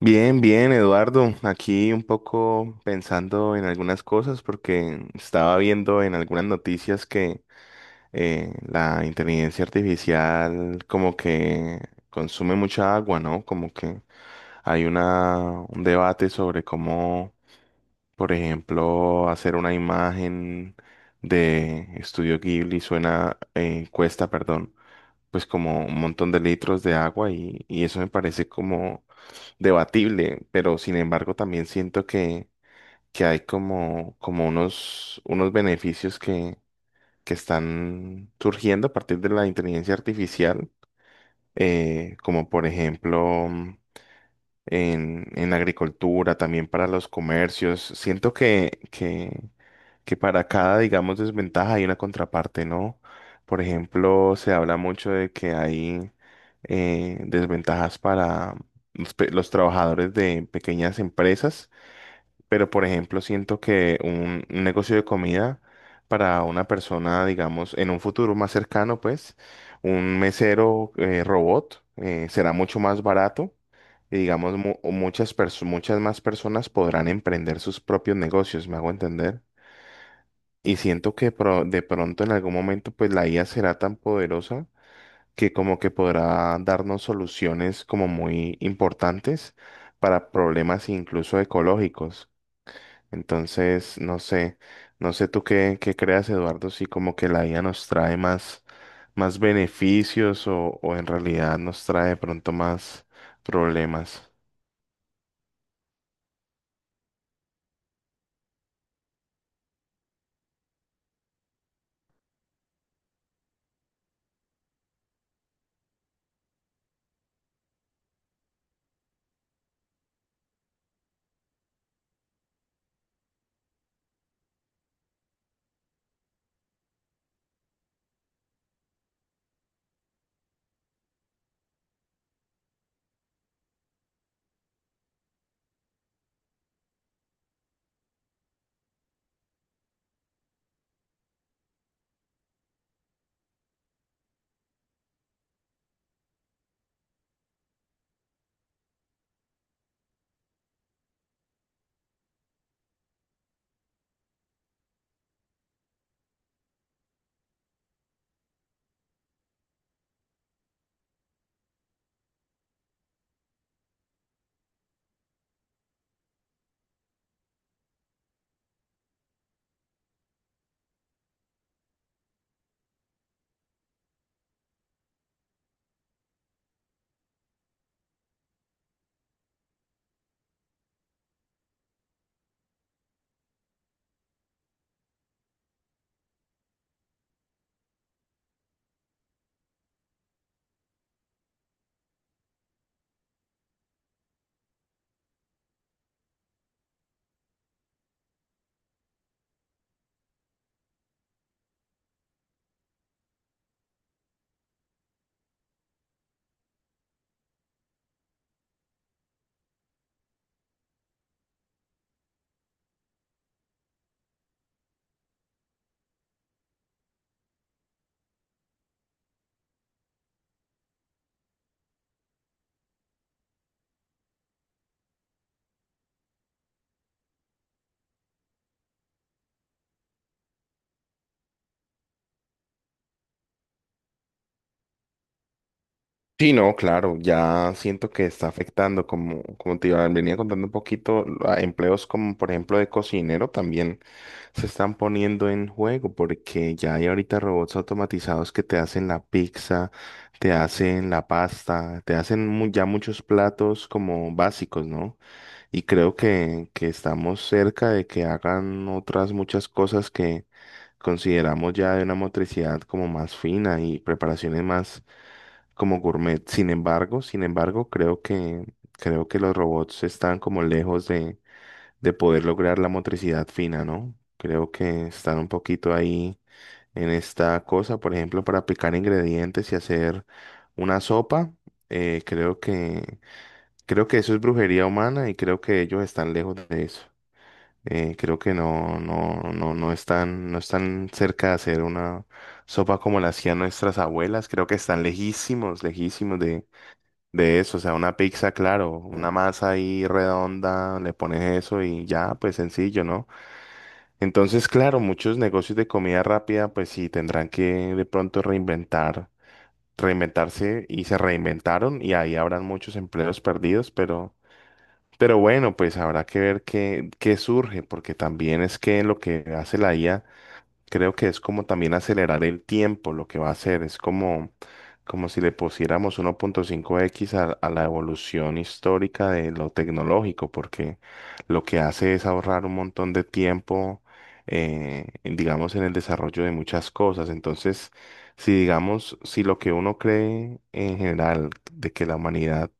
Bien, bien, Eduardo. Aquí un poco pensando en algunas cosas porque estaba viendo en algunas noticias que la inteligencia artificial como que consume mucha agua, ¿no? Como que hay un debate sobre cómo, por ejemplo, hacer una imagen de Estudio Ghibli cuesta, perdón, pues como un montón de litros de agua y eso me parece como debatible, pero sin embargo también siento que, hay como unos beneficios que están surgiendo a partir de la inteligencia artificial, como por ejemplo en la agricultura, también para los comercios. Siento que, que para cada, digamos, desventaja hay una contraparte, ¿no? Por ejemplo, se habla mucho de que hay desventajas para los trabajadores de pequeñas empresas, pero por ejemplo, siento que un negocio de comida para una persona, digamos, en un futuro más cercano, pues, un mesero robot será mucho más barato. Y digamos, muchas más personas podrán emprender sus propios negocios, ¿me hago entender? Y siento que de pronto en algún momento pues la IA será tan poderosa que como que podrá darnos soluciones como muy importantes para problemas incluso ecológicos. Entonces, no sé, no sé tú qué, creas, Eduardo, si como que la IA nos trae más beneficios o en realidad nos trae de pronto más problemas. Sí, no, claro, ya siento que está afectando, como te venía contando un poquito, a empleos como por ejemplo de cocinero también se están poniendo en juego porque ya hay ahorita robots automatizados que te hacen la pizza, te hacen la pasta, te hacen ya muchos platos como básicos, ¿no? Y creo que, estamos cerca de que hagan otras muchas cosas que consideramos ya de una motricidad como más fina y preparaciones más como gourmet. Sin embargo, creo que, los robots están como lejos de poder lograr la motricidad fina, ¿no? Creo que están un poquito ahí en esta cosa. Por ejemplo, para picar ingredientes y hacer una sopa, eh, creo que, creo que eso es brujería humana y creo que ellos están lejos de eso. Creo que no, no, no, no están, no están cerca de hacer una sopa como la hacían nuestras abuelas. Creo que están lejísimos, lejísimos de eso, o sea, una pizza, claro, una masa ahí redonda, le pones eso y ya, pues sencillo, ¿no? Entonces, claro, muchos negocios de comida rápida, pues sí, tendrán que de pronto reinventar, reinventarse y se reinventaron y ahí habrán muchos empleos perdidos, pero bueno, pues habrá que ver qué surge, porque también es que lo que hace la IA. Creo que es como también acelerar el tiempo lo que va a hacer. Es como si le pusiéramos 1.5x a la evolución histórica de lo tecnológico, porque lo que hace es ahorrar un montón de tiempo, digamos, en el desarrollo de muchas cosas. Entonces, si digamos, si lo que uno cree en general de que la humanidad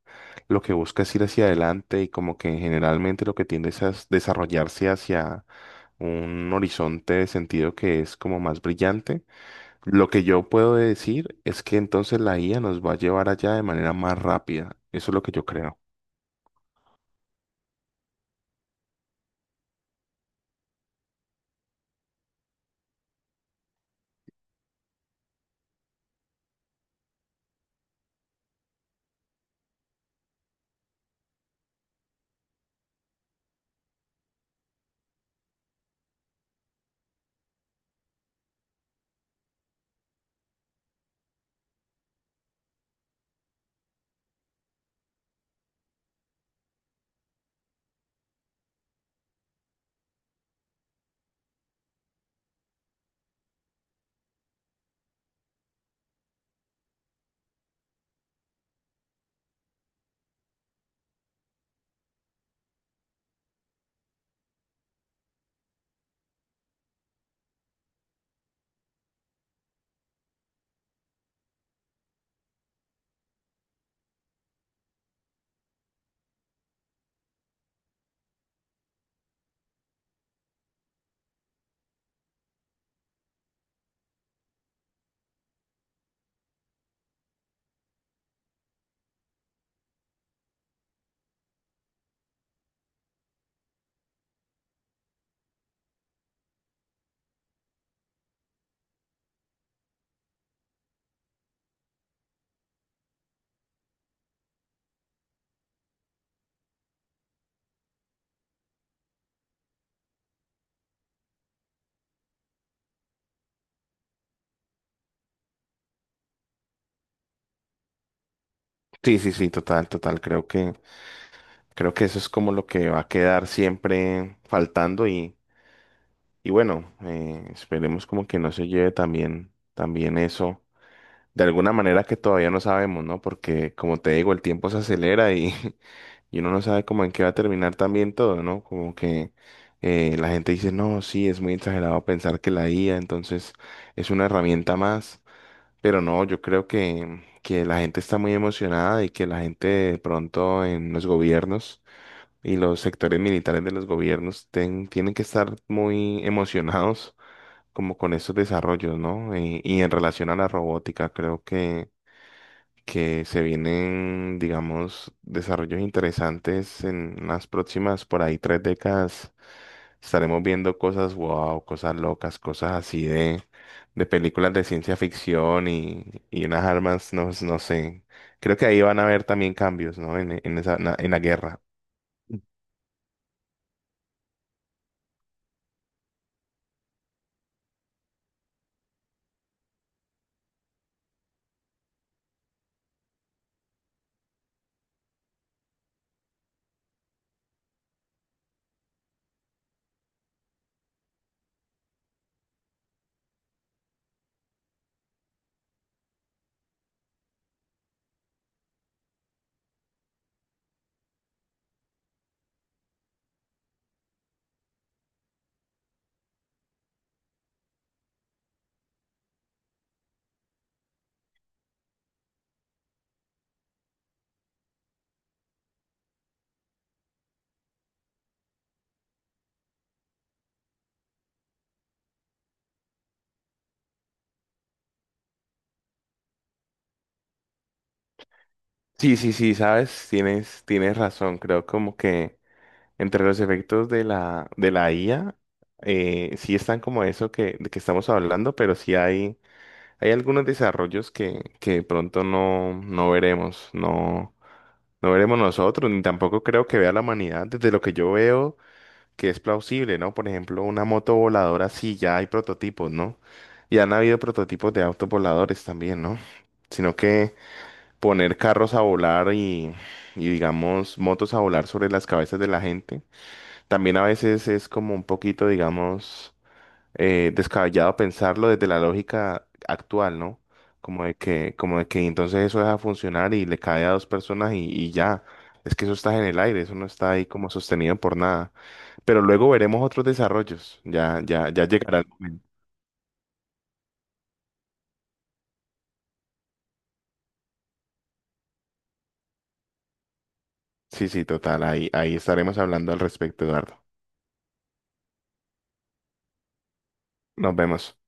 lo que busca es ir hacia adelante y como que generalmente lo que tiende es a desarrollarse hacia un horizonte de sentido que es como más brillante. Lo que yo puedo decir es que entonces la IA nos va a llevar allá de manera más rápida. Eso es lo que yo creo. Sí, sí, sí, total, total. creo que, eso es como lo que va a quedar siempre faltando y bueno, esperemos como que no se lleve también, también eso. De alguna manera que todavía no sabemos, ¿no? Porque como te digo, el tiempo se acelera y uno no sabe cómo en qué va a terminar también todo, ¿no? Como que la gente dice, no, sí, es muy exagerado pensar que la IA entonces es una herramienta más, pero no, yo creo que, la gente está muy emocionada y que la gente de pronto en los gobiernos y los sectores militares de los gobiernos tienen que estar muy emocionados como con esos desarrollos, ¿no? Y en relación a la robótica, creo que se vienen, digamos, desarrollos interesantes en las próximas, por ahí, 3 décadas. Estaremos viendo cosas wow, cosas locas, cosas así de, películas de ciencia ficción y unas armas, no, no sé. Creo que ahí van a haber también cambios, ¿no? En la guerra. Mm. Sí, sí, sí, sabes, tienes razón. Creo como que entre los efectos de la, IA, sí están como eso que, de que estamos hablando, pero sí hay algunos desarrollos que de pronto no, no veremos, no. No veremos nosotros, ni tampoco creo que vea la humanidad desde lo que yo veo que es plausible, ¿no? Por ejemplo, una moto voladora, sí, ya hay prototipos, ¿no? Y han habido prototipos de autos voladores también, ¿no? Sino que poner carros a volar y, digamos, motos a volar sobre las cabezas de la gente, también a veces es como un poquito, digamos, descabellado pensarlo desde la lógica actual, ¿no? Como de que entonces eso deja funcionar y le cae a dos personas y ya. Es que eso está en el aire, eso no está ahí como sostenido por nada. Pero luego veremos otros desarrollos. Ya, ya, ya llegará el momento. Sí, sí, total. Ahí, estaremos hablando al respecto, Eduardo. Nos vemos.